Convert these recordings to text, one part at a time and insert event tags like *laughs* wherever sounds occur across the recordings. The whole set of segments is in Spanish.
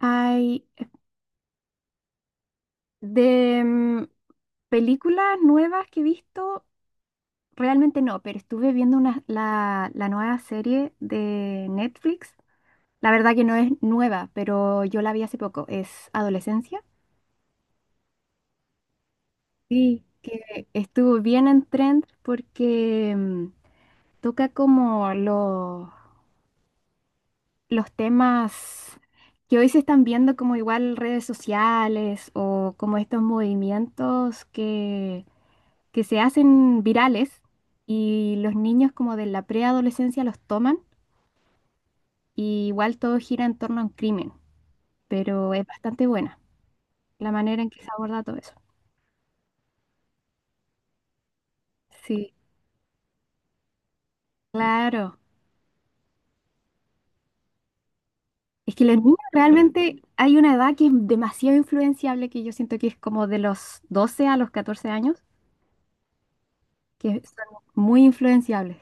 Ay, de mm, películas nuevas que he visto, realmente no, pero estuve viendo una, la nueva serie de Netflix. La verdad que no es nueva, pero yo la vi hace poco, es Adolescencia. Sí, que estuvo bien en trend porque toca como los temas que hoy se están viendo como igual redes sociales o como estos movimientos que se hacen virales y los niños como de la preadolescencia los toman y igual todo gira en torno a un crimen, pero es bastante buena la manera en que se aborda todo eso. Sí, claro. Es que los niños realmente hay una edad que es demasiado influenciable, que yo siento que es como de los 12 a los 14 años, que son muy influenciables.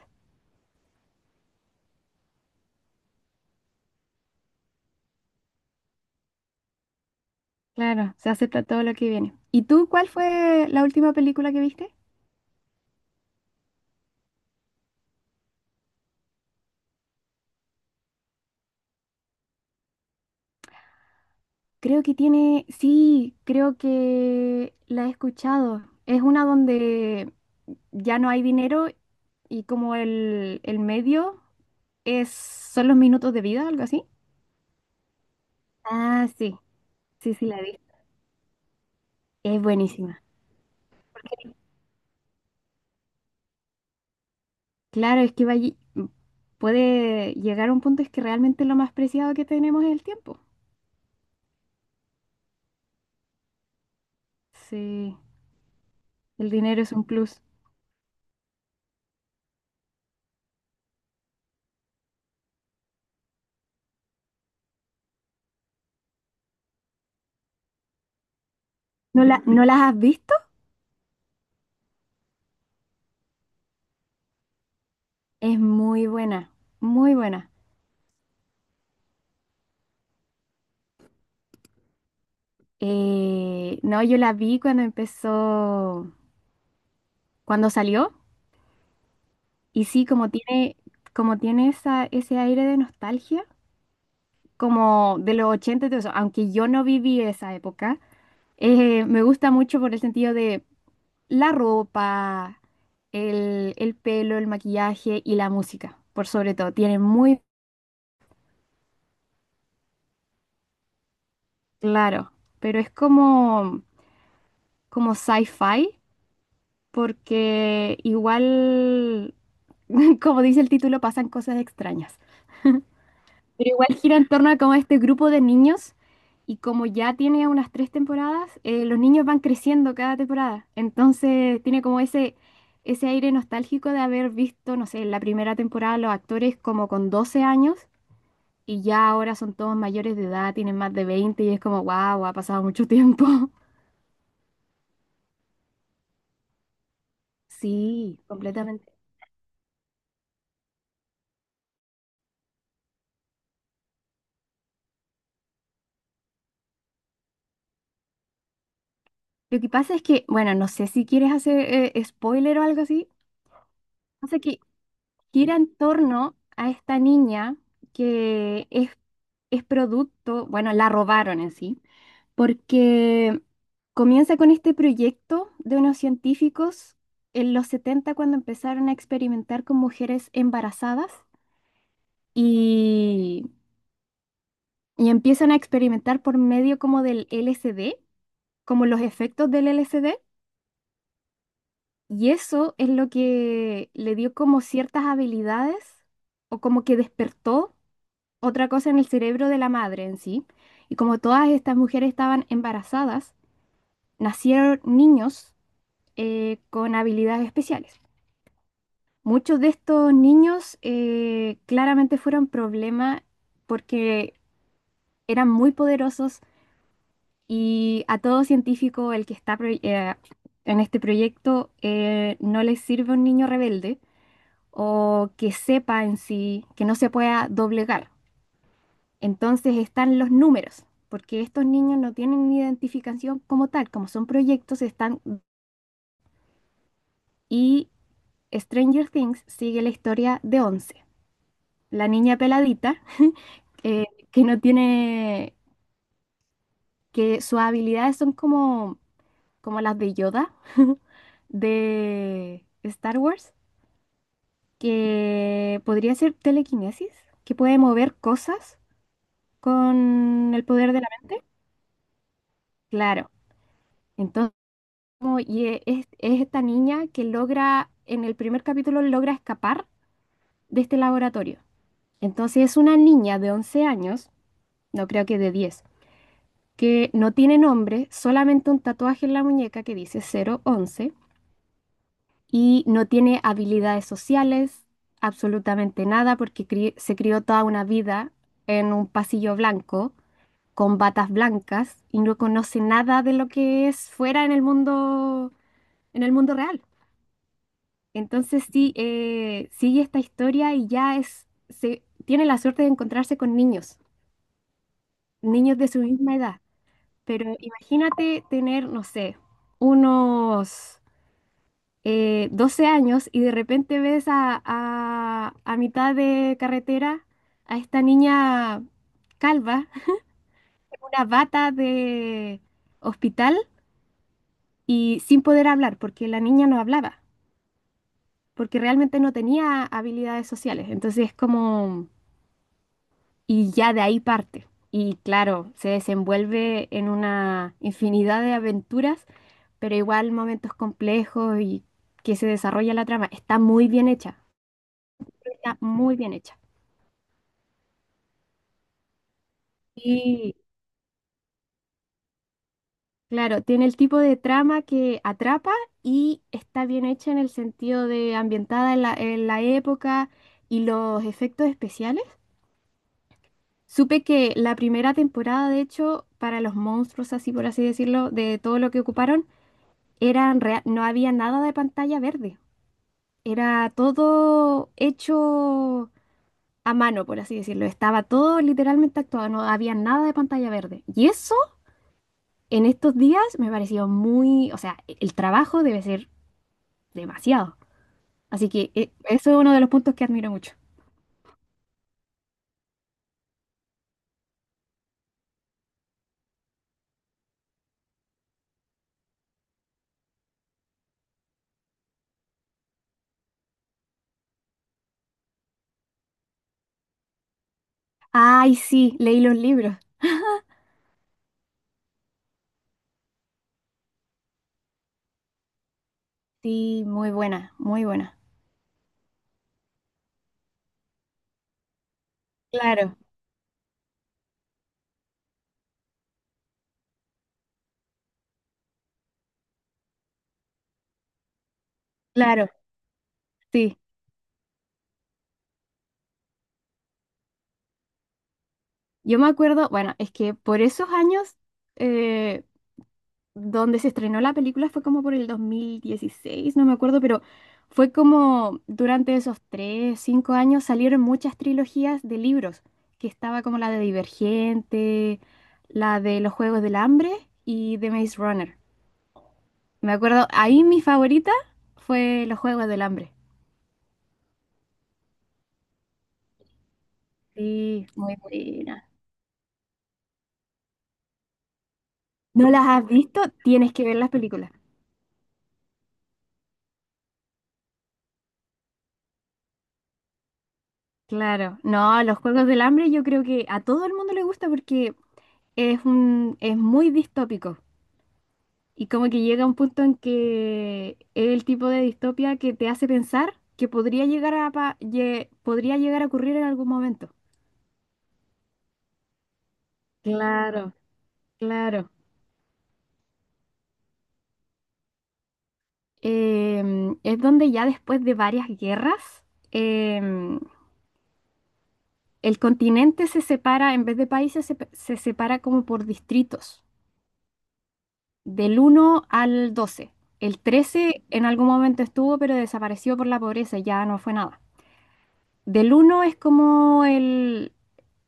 Claro, se acepta todo lo que viene. ¿Y tú cuál fue la última película que viste? Creo que tiene, sí, creo que la he escuchado. Es una donde ya no hay dinero y como el medio es, son los minutos de vida, algo así. Ah, sí, sí, la vi. Es buenísima. Claro, es que va allí- Puede llegar a un punto es que realmente lo más preciado que tenemos es el tiempo. Sí, el dinero es un plus. ¿No la, no las has visto? Es muy buena, muy buena. No, yo la vi cuando empezó, cuando salió, y sí, como tiene esa, ese aire de nostalgia, como de los 80, y todo eso, aunque yo no viví esa época, me gusta mucho por el sentido de la ropa, el pelo, el maquillaje y la música, por sobre todo, tiene muy claro, pero es como, como sci-fi, porque igual, *laughs* como dice el título, pasan cosas extrañas. Pero igual gira en torno a como este grupo de niños y como ya tiene unas tres temporadas, los niños van creciendo cada temporada. Entonces tiene como ese aire nostálgico de haber visto, no sé, en la primera temporada los actores como con 12 años y ya ahora son todos mayores de edad, tienen más de 20 y es como, wow, ha pasado mucho tiempo. *laughs* Sí, completamente. Lo que pasa es que, bueno, no sé si quieres hacer spoiler o algo así. O sea que gira en torno a esta niña que es producto, bueno, la robaron en sí, porque comienza con este proyecto de unos científicos en los 70 cuando empezaron a experimentar con mujeres embarazadas y, y empiezan a experimentar por medio como del LSD, como los efectos del LSD. Y eso es lo que le dio como ciertas habilidades o como que despertó otra cosa en el cerebro de la madre en sí. Y como todas estas mujeres estaban embarazadas, nacieron niños con habilidades especiales. Muchos de estos niños claramente fueron problema porque eran muy poderosos y a todo científico el que está en este proyecto no les sirve un niño rebelde o que sepa en sí, que no se pueda doblegar. Entonces están los números, porque estos niños no tienen identificación como tal, como son proyectos, están... Y Stranger Things sigue la historia de Once, la niña peladita, eh, que no tiene, que sus habilidades son como las de Yoda *laughs* de Star Wars, que podría ser telequinesis, que puede mover cosas con el poder de la mente. Claro. Entonces, es esta niña que logra, en el primer capítulo logra escapar de este laboratorio. Entonces es una niña de once años, no creo que de 10, que no tiene nombre, solamente un tatuaje en la muñeca que dice cero once y no tiene habilidades sociales, absolutamente nada, porque se crió toda una vida en un pasillo blanco, con batas blancas y no conoce nada de lo que es fuera en el mundo real. Entonces sí, sigue esta historia y ya tiene la suerte de encontrarse con niños, niños de su misma edad. Pero imagínate tener, no sé, unos 12 años y de repente ves a, a mitad de carretera a esta niña calva, *laughs* una bata de hospital y sin poder hablar, porque la niña no hablaba, porque realmente no tenía habilidades sociales. Entonces es como... y ya de ahí parte. Y claro, se desenvuelve en una infinidad de aventuras, pero igual momentos complejos y que se desarrolla la trama. Está muy bien hecha. Y claro, tiene el tipo de trama que atrapa y está bien hecha en el sentido de ambientada en en la época y los efectos especiales. Supe que la primera temporada, de hecho, para los monstruos, así por así decirlo, de todo lo que ocuparon, no había nada de pantalla verde. Era todo hecho a mano, por así decirlo. Estaba todo literalmente actuado, no había nada de pantalla verde. Y eso en estos días me pareció muy, o sea, el trabajo debe ser demasiado. Así que eso es uno de los puntos que admiro mucho. Ay, sí, leí los libros. Sí, muy buena, muy buena. Claro, claro, sí. Yo me acuerdo, bueno, es que por esos años eh, donde se estrenó la película fue como por el 2016, no me acuerdo, pero fue como durante esos tres, cinco años salieron muchas trilogías de libros, que estaba como la de Divergente, la de Los Juegos del Hambre y de Maze Runner. Me acuerdo, ahí mi favorita fue Los Juegos del Hambre. Sí, muy buena. ¿No las has visto? Tienes que ver las películas. Claro, no, Los Juegos del Hambre yo creo que a todo el mundo le gusta porque es muy distópico. Y como que llega un punto en que es el tipo de distopia que te hace pensar que podría llegar a, podría llegar a ocurrir en algún momento. Claro, claro. Es donde ya después de varias guerras, em, el continente se separa, en vez de países, se separa como por distritos, del uno al doce. El trece en algún momento estuvo, pero desapareció por la pobreza, ya no fue nada. Del uno es como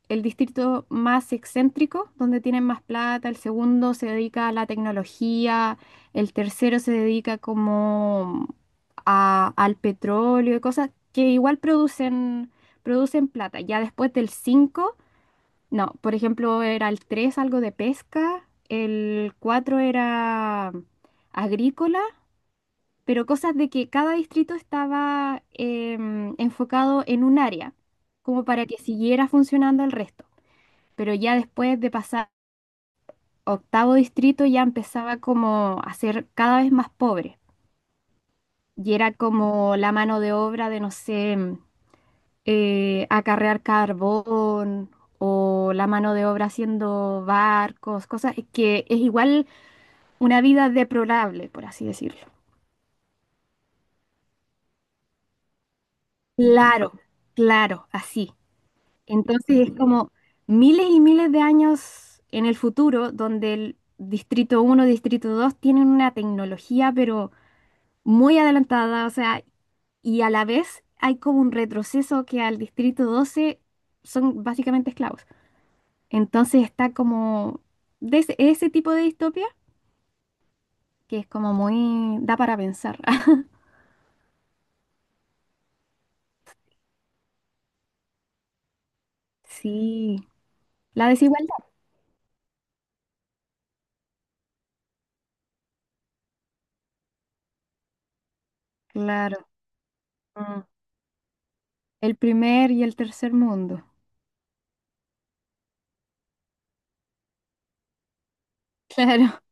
el distrito más excéntrico, donde tienen más plata, el segundo se dedica a la tecnología, el tercero se dedica como al petróleo y cosas que igual producen, producen plata. Ya después del 5, no, por ejemplo, era el 3 algo de pesca, el 4 era agrícola, pero cosas de que cada distrito estaba enfocado en un área, como para que siguiera funcionando el resto, pero ya después de pasar octavo distrito ya empezaba como a ser cada vez más pobre y era como la mano de obra de, no sé, acarrear carbón o la mano de obra haciendo barcos, cosas que es igual una vida deplorable, por así decirlo. Claro, claro, así. Entonces es como miles y miles de años en el futuro donde el Distrito uno Distrito 2 tienen una tecnología, pero muy adelantada, o sea, y a la vez hay como un retroceso que al Distrito 12 son básicamente esclavos. Entonces está como de ese tipo de distopia que es como muy, da para pensar. *laughs* Sí, la desigualdad, claro. Mm. El primer y el tercer mundo, claro. *laughs*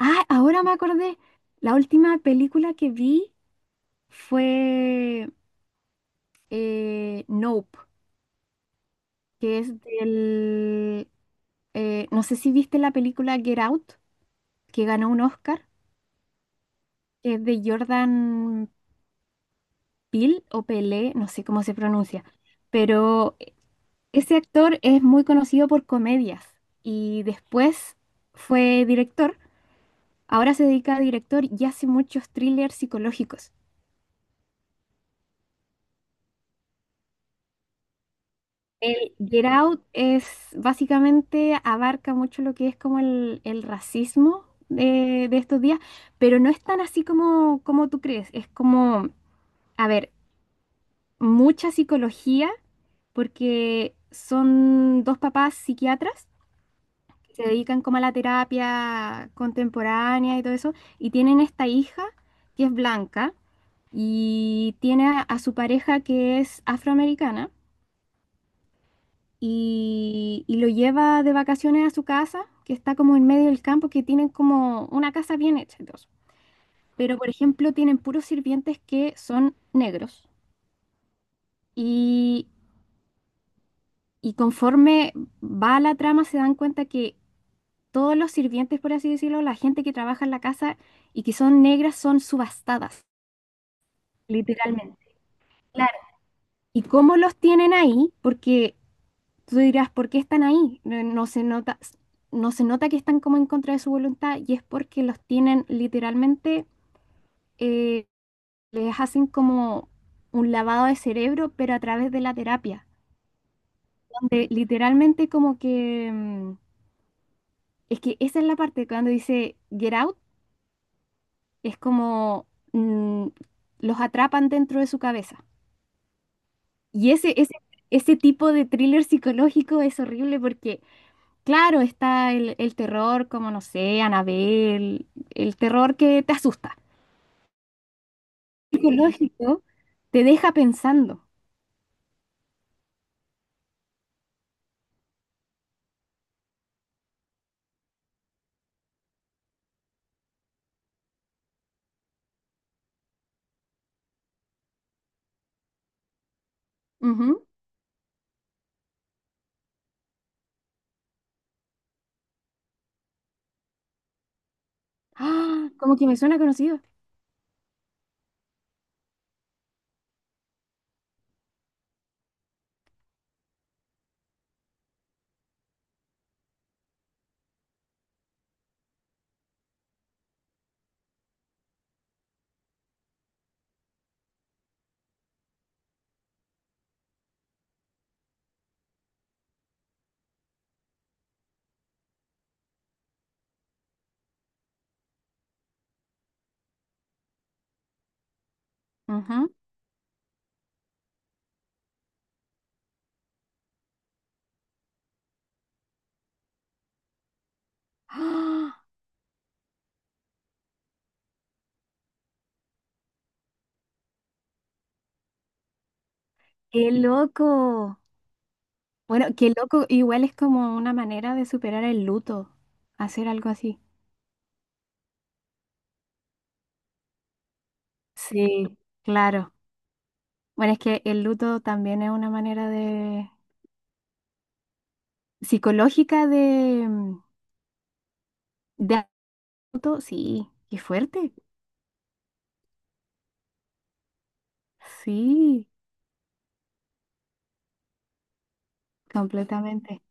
Ah, ahora me acordé, la última película que vi fue Nope. Que es del... no sé si viste la película Get Out, que ganó un Oscar, que es de Jordan Peele o Pelé, no sé cómo se pronuncia, pero ese actor es muy conocido por comedias y después fue director, ahora se dedica a director y hace muchos thrillers psicológicos. El Get Out es básicamente abarca mucho lo que es como el racismo de estos días, pero no es tan así como, como tú crees. Es como, a ver, mucha psicología, porque son dos papás psiquiatras que se dedican como a la terapia contemporánea y todo eso, y tienen esta hija que es blanca y tiene a su pareja que es afroamericana. Y, y lo lleva de vacaciones a su casa, que está como en medio del campo, que tienen como una casa bien hecha. Y todo eso. Pero, por ejemplo, tienen puros sirvientes que son negros. Y, y conforme va la trama, se dan cuenta que todos los sirvientes, por así decirlo, la gente que trabaja en la casa y que son negras, son subastadas, literalmente. Claro. ¿Y cómo los tienen ahí? Porque tú dirás, ¿por qué están ahí? No se nota, no se nota que están como en contra de su voluntad y es porque los tienen literalmente, eh, les hacen como un lavado de cerebro, pero a través de la terapia, donde literalmente como que, es que esa es la parte cuando dice get out, es como mm, los atrapan dentro de su cabeza. Y ese tipo de thriller psicológico es horrible porque claro, está el terror, como no sé, Anabel, el terror que te asusta. Psicológico, te deja pensando. Ujú. ¡Ah! Como que me suena conocido. Ujú. ¡Ah! ¡Qué loco! Bueno, qué loco, igual es como una manera de superar el luto, hacer algo así. Sí, claro. Bueno, es que el luto también es una manera de psicológica de auto. Sí, qué fuerte. Sí. Completamente.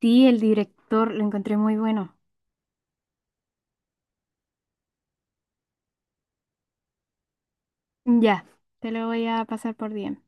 Sí, el director lo encontré muy bueno. Ya, te lo voy a pasar por DM.